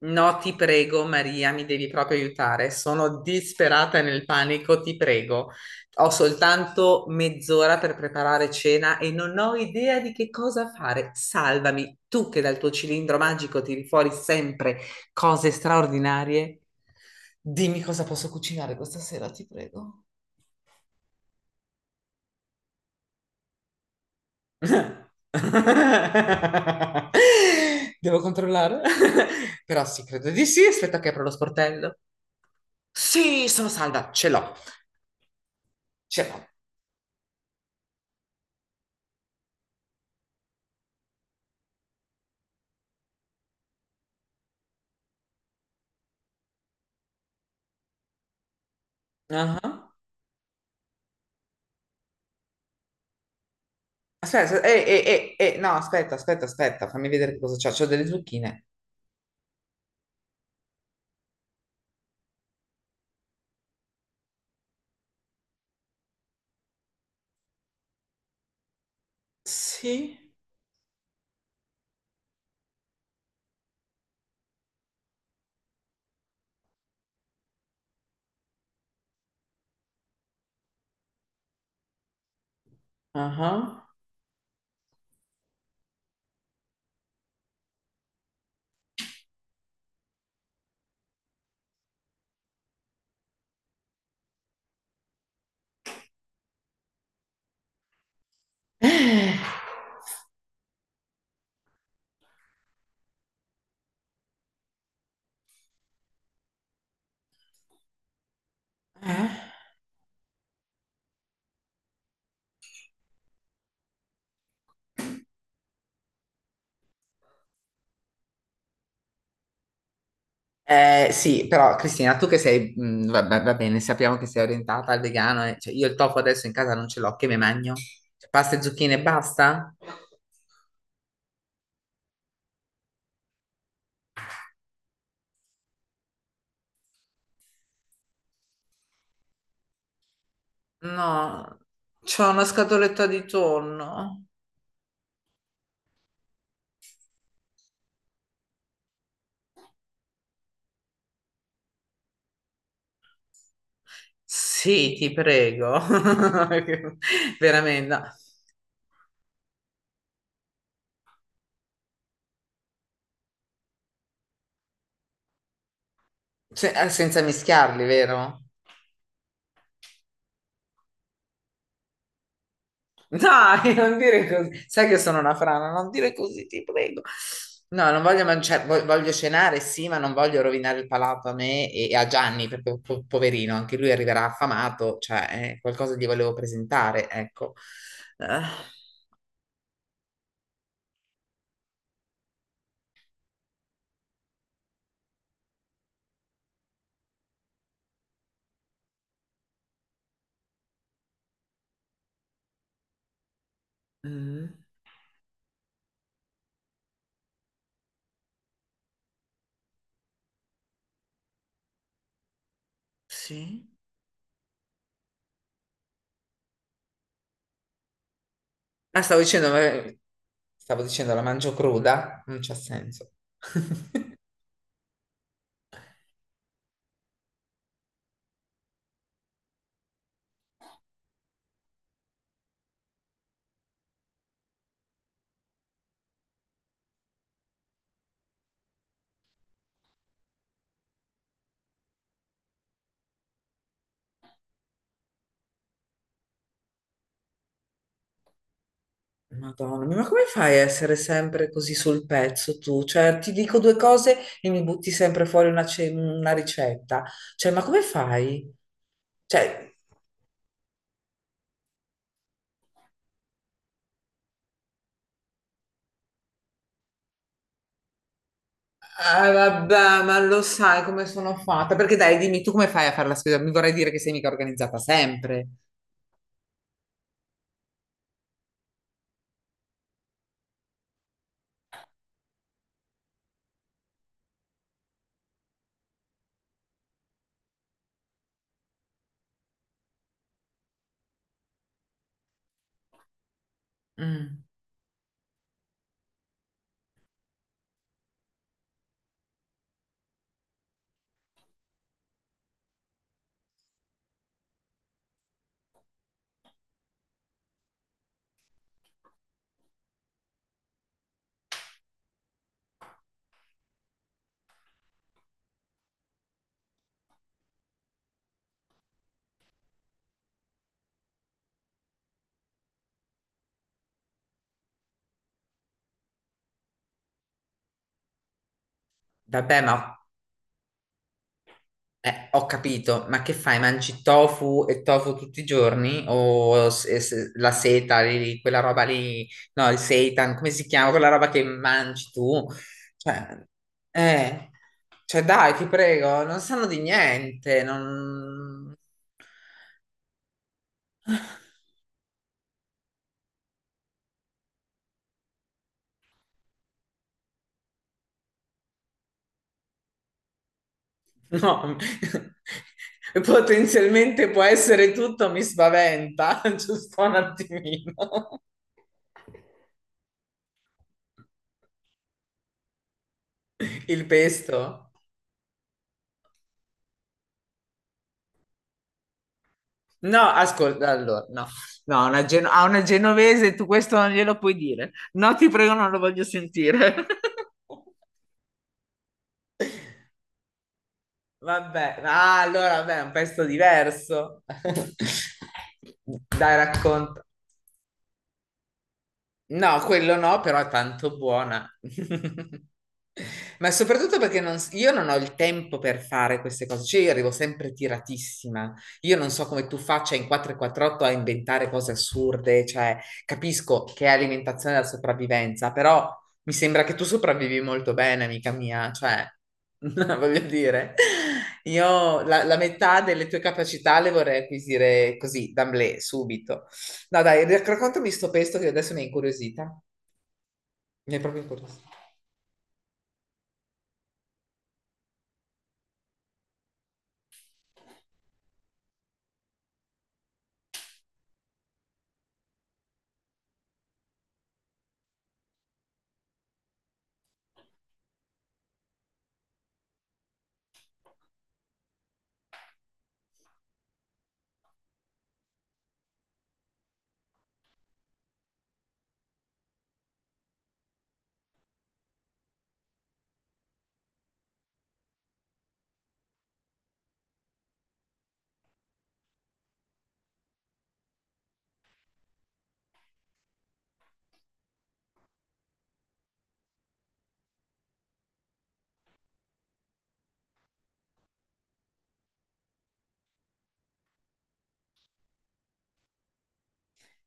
No, ti prego, Maria, mi devi proprio aiutare. Sono disperata nel panico, ti prego. Ho soltanto mezz'ora per preparare cena e non ho idea di che cosa fare. Salvami, tu che dal tuo cilindro magico tiri fuori sempre cose straordinarie. Dimmi cosa posso cucinare questa sera, ti prego. Devo controllare? Però sì, credo di sì. Aspetta che apro lo sportello. Sì, sono salva, ce l'ho. C'è... Ah. Aspetta, no, aspetta, aspetta, aspetta, fammi vedere che cosa c'ho. C'ho delle zucchine. Sì. Ah. Eh? Sì, però Cristina, tu che sei, va bene, sappiamo che sei orientata al vegano, cioè, io il tofu adesso in casa non ce l'ho, che me magno? Cioè, pasta e zucchine e basta? No, c'ho una scatoletta di tonno. Sì, ti prego. Veramente, no. Senza mischiarli, vero? Dai, non dire così. Sai che sono una frana, non dire così, ti prego. No, non voglio mangiare, voglio cenare, sì, ma non voglio rovinare il palato a me e a Gianni, perché poverino, anche lui arriverà affamato, cioè, qualcosa gli volevo presentare, ecco. Eh, mm, sì. Ah, stavo dicendo la mangio cruda, non c'ha senso. Madonna mia, ma come fai a essere sempre così sul pezzo tu? Cioè, ti dico due cose e mi butti sempre fuori una ricetta. Cioè, ma come fai? Cioè. Ah, vabbè, ma lo sai come sono fatta? Perché dai, dimmi tu come fai a fare la spesa? Mi vorrei dire che sei mica organizzata sempre. Mm, vabbè, ma eh, ho capito, ma che fai? Mangi tofu e tofu tutti i giorni? O la seta, lì, quella roba lì, no, il seitan, come si chiama? Quella roba che mangi tu? Cioè, eh, cioè dai, ti prego, non sanno di niente, non... No, potenzialmente può essere tutto, mi spaventa, giusto un attimino. Il pesto. No, ascolta, allora, no, no, una a una genovese tu questo non glielo puoi dire. No, ti prego, non lo voglio sentire. Vabbè, ah, allora, vabbè, è un pezzo diverso. Dai, racconta. No, quello no, però è tanto buona. Ma soprattutto perché non s- io non ho il tempo per fare queste cose, cioè io arrivo sempre tiratissima. Io non so come tu faccia in 448 a inventare cose assurde, cioè capisco che è alimentazione della sopravvivenza, però mi sembra che tu sopravvivi molto bene, amica mia, cioè voglio dire, io la metà delle tue capacità le vorrei acquisire così, d'amblè, subito. No, dai, raccontami sto pesto che adesso mi è incuriosita. Mi è proprio incuriosita.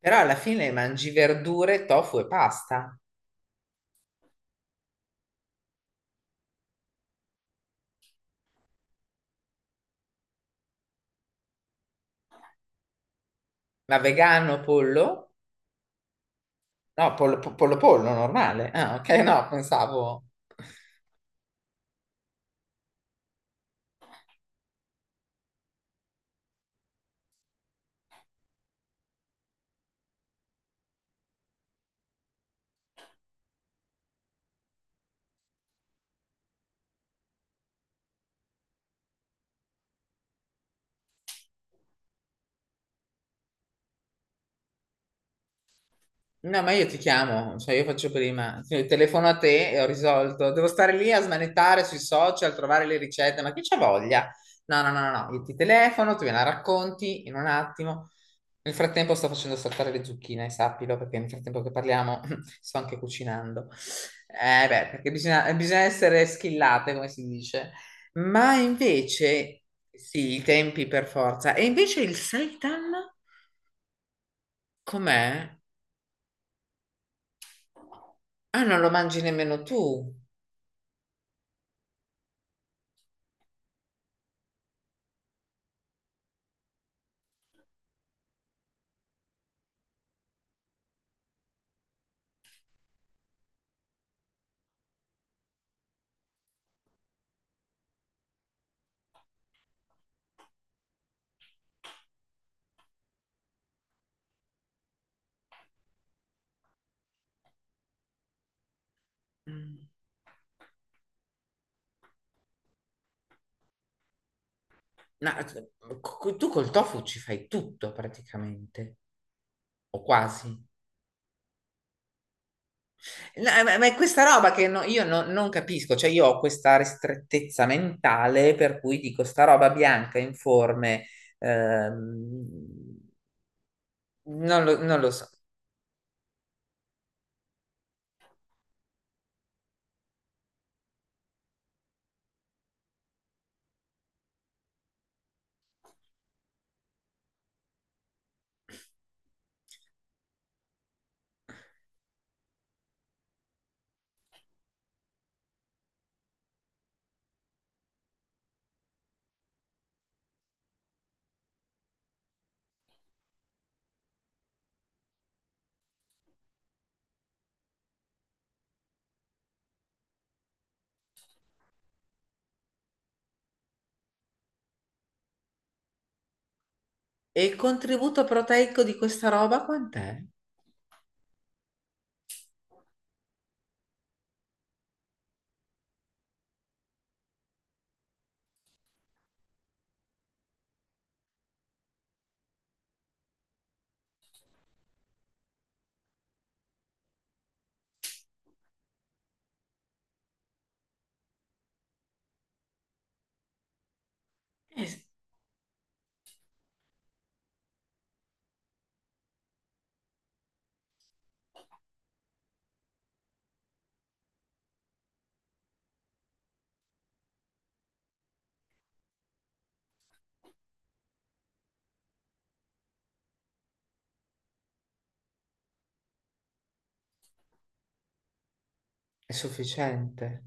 Però alla fine mangi verdure, tofu e pasta. Ma vegano, pollo? No, pollo, pollo, pollo, normale. Ah, ok, no, pensavo. No, ma io ti chiamo, cioè io faccio prima, sì, telefono a te e ho risolto. Devo stare lì a smanettare sui social, trovare le ricette, ma chi c'ha voglia? No, no, no, no, no, io ti telefono, tu me la racconti in un attimo. Nel frattempo sto facendo saltare le zucchine, sappilo, perché nel frattempo che parliamo sto anche cucinando. Eh beh, perché bisogna essere schillate, come si dice. Ma invece, sì, i tempi per forza. E invece il seitan com'è? Ah, non lo mangi nemmeno tu. Mm. No, tu col tofu ci fai tutto praticamente, o quasi. No, ma è questa roba che io non capisco, cioè io ho questa ristrettezza mentale per cui dico sta roba bianca, informe, ehm, non lo so. E il contributo proteico di questa roba quant'è? È è sufficiente.